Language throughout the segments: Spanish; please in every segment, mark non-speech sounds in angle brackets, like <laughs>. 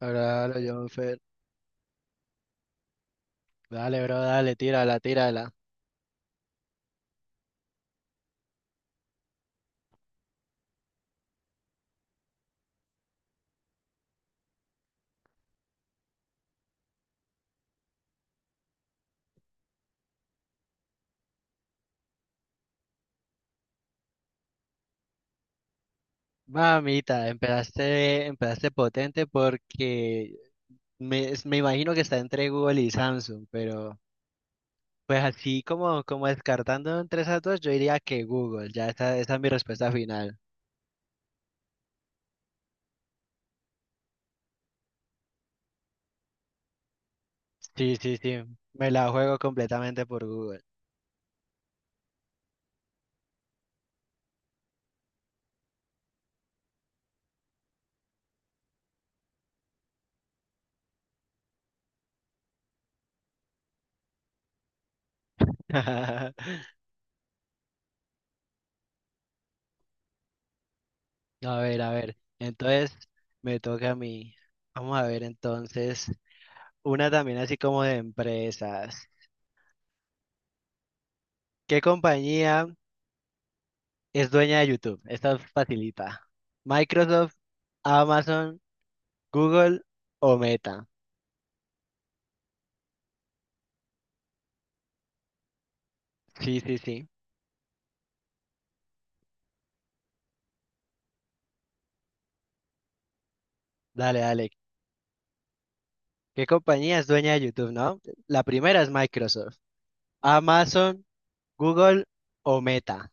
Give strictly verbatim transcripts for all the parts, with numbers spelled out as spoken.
Ahora, ahora, Jonfer. Dale, bro, dale, tírala, tírala. Mamita, empezaste, empezaste potente porque me, me imagino que está entre Google y Samsung, pero pues así como, como descartando entre esas dos, yo diría que Google, ya esa, esa es mi respuesta final. Sí, sí, sí, me la juego completamente por Google. <laughs> A ver, a ver, entonces me toca a mí. Vamos a ver entonces, una también así como de empresas. ¿Qué compañía es dueña de YouTube? Esta facilita. Microsoft, Amazon, Google o Meta. Sí, sí, sí. Dale, dale. ¿Qué compañía es dueña de YouTube, no? La primera es Microsoft. Amazon, Google o Meta.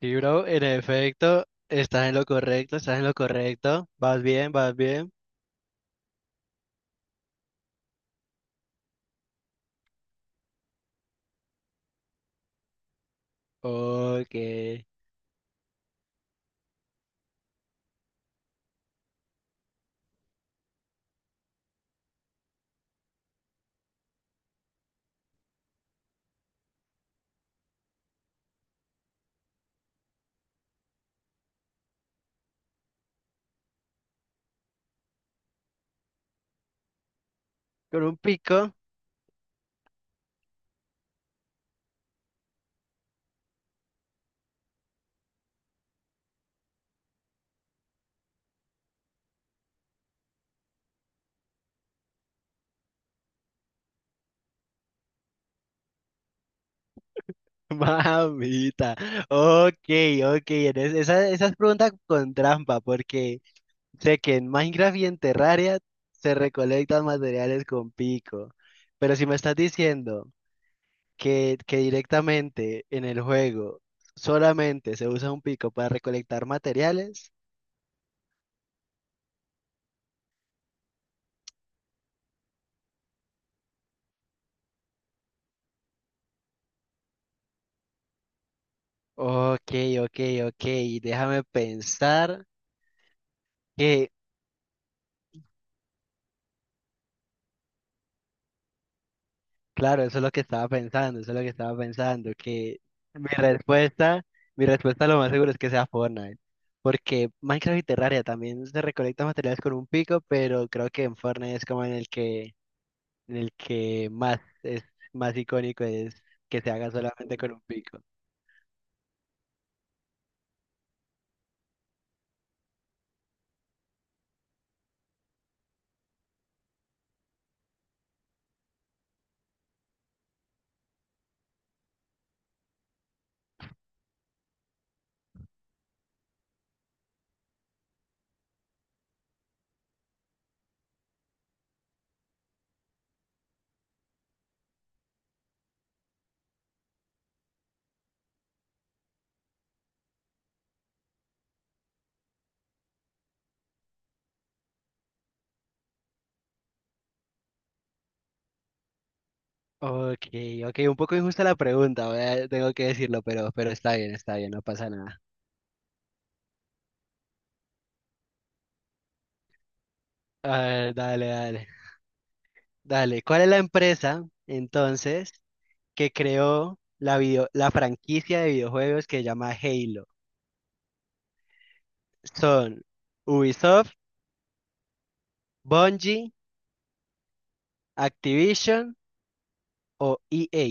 Sí, bro, en efecto, estás en lo correcto, estás en lo correcto. Vas bien, vas bien. Ok. Con un pico. <laughs> Mamita. Ok, ok. en es- Esa, esa es pregunta con trampa, porque sé que en Minecraft y en Terraria se recolectan materiales con pico, pero si me estás diciendo que, que directamente en el juego solamente se usa un pico para recolectar materiales, ok, ok, ok, déjame pensar que, claro, eso es lo que estaba pensando, eso es lo que estaba pensando, que mi respuesta, mi respuesta lo más seguro es que sea Fortnite. Porque Minecraft y Terraria también se recolectan materiales con un pico, pero creo que en Fortnite es como en el que El que más es más icónico es que se haga solamente con un pico. Ok, ok, un poco injusta la pregunta, voy tengo que decirlo, pero, pero está bien, está bien, no pasa nada. A ver, dale, dale, dale. ¿Cuál es la empresa entonces que creó la video, la franquicia de videojuegos que se llama Halo? ¿Son Ubisoft, Bungie, Activision o E A?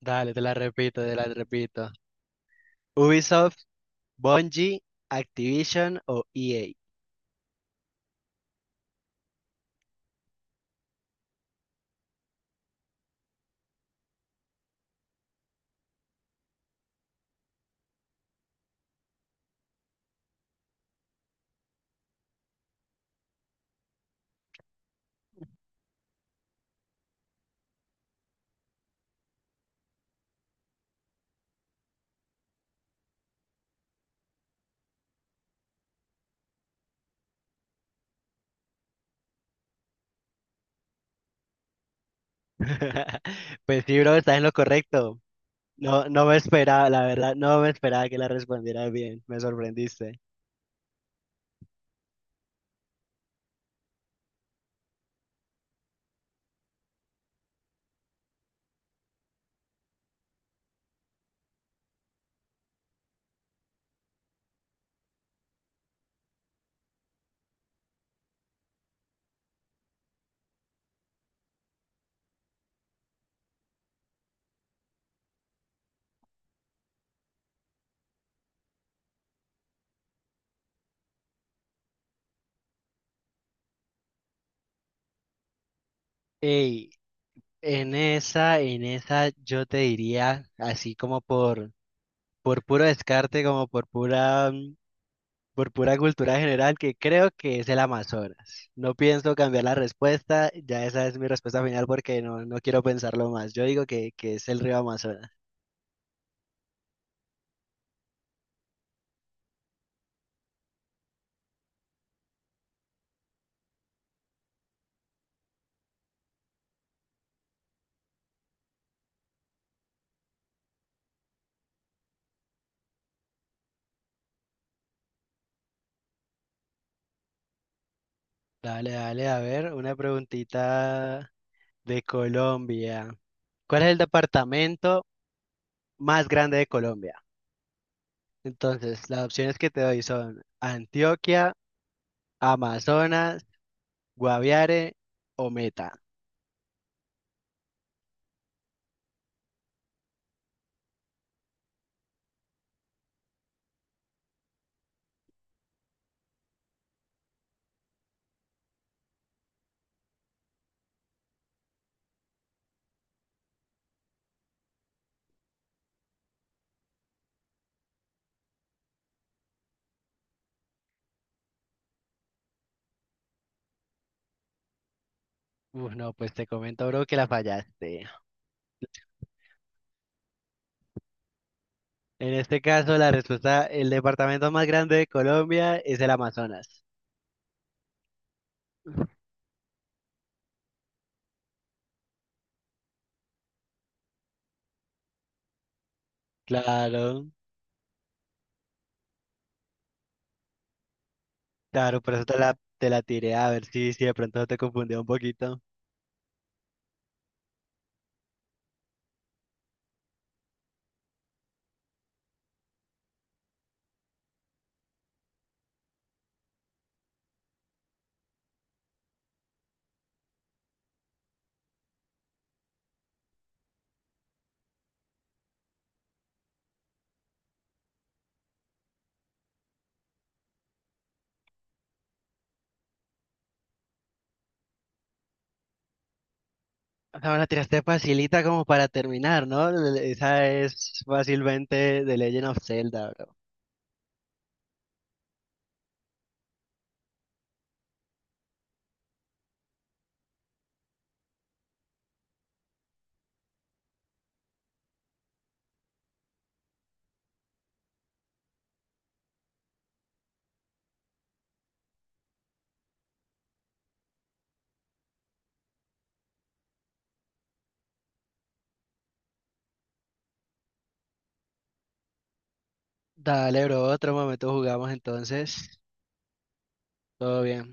Dale, te la repito, te la repito. Ubisoft, Bungie, Activision o E A. <laughs> Pues sí, bro, estás en lo correcto. No, no me esperaba, la verdad, no me esperaba que la respondieras bien. Me sorprendiste. Ey, en esa, en esa yo te diría, así como por, por puro descarte, como por pura, mm, por pura cultura general, que creo que es el Amazonas. No pienso cambiar la respuesta, ya esa es mi respuesta final porque no, no quiero pensarlo más. Yo digo que, que es el río Amazonas. Dale, dale, a ver, una preguntita de Colombia. ¿Cuál es el departamento más grande de Colombia? Entonces, las opciones que te doy son Antioquia, Amazonas, Guaviare o Meta. Uf, no, pues te comento, bro, que la fallaste. En este caso, la respuesta, el departamento más grande de Colombia es el Amazonas. Claro, claro, por eso te la, te la tiré a ver si, si de pronto te confundió un poquito. O sea, me la tiraste facilita como para terminar, ¿no? Esa es fácilmente The Legend of Zelda, bro. Dale, bro, otro momento jugamos entonces. Todo bien.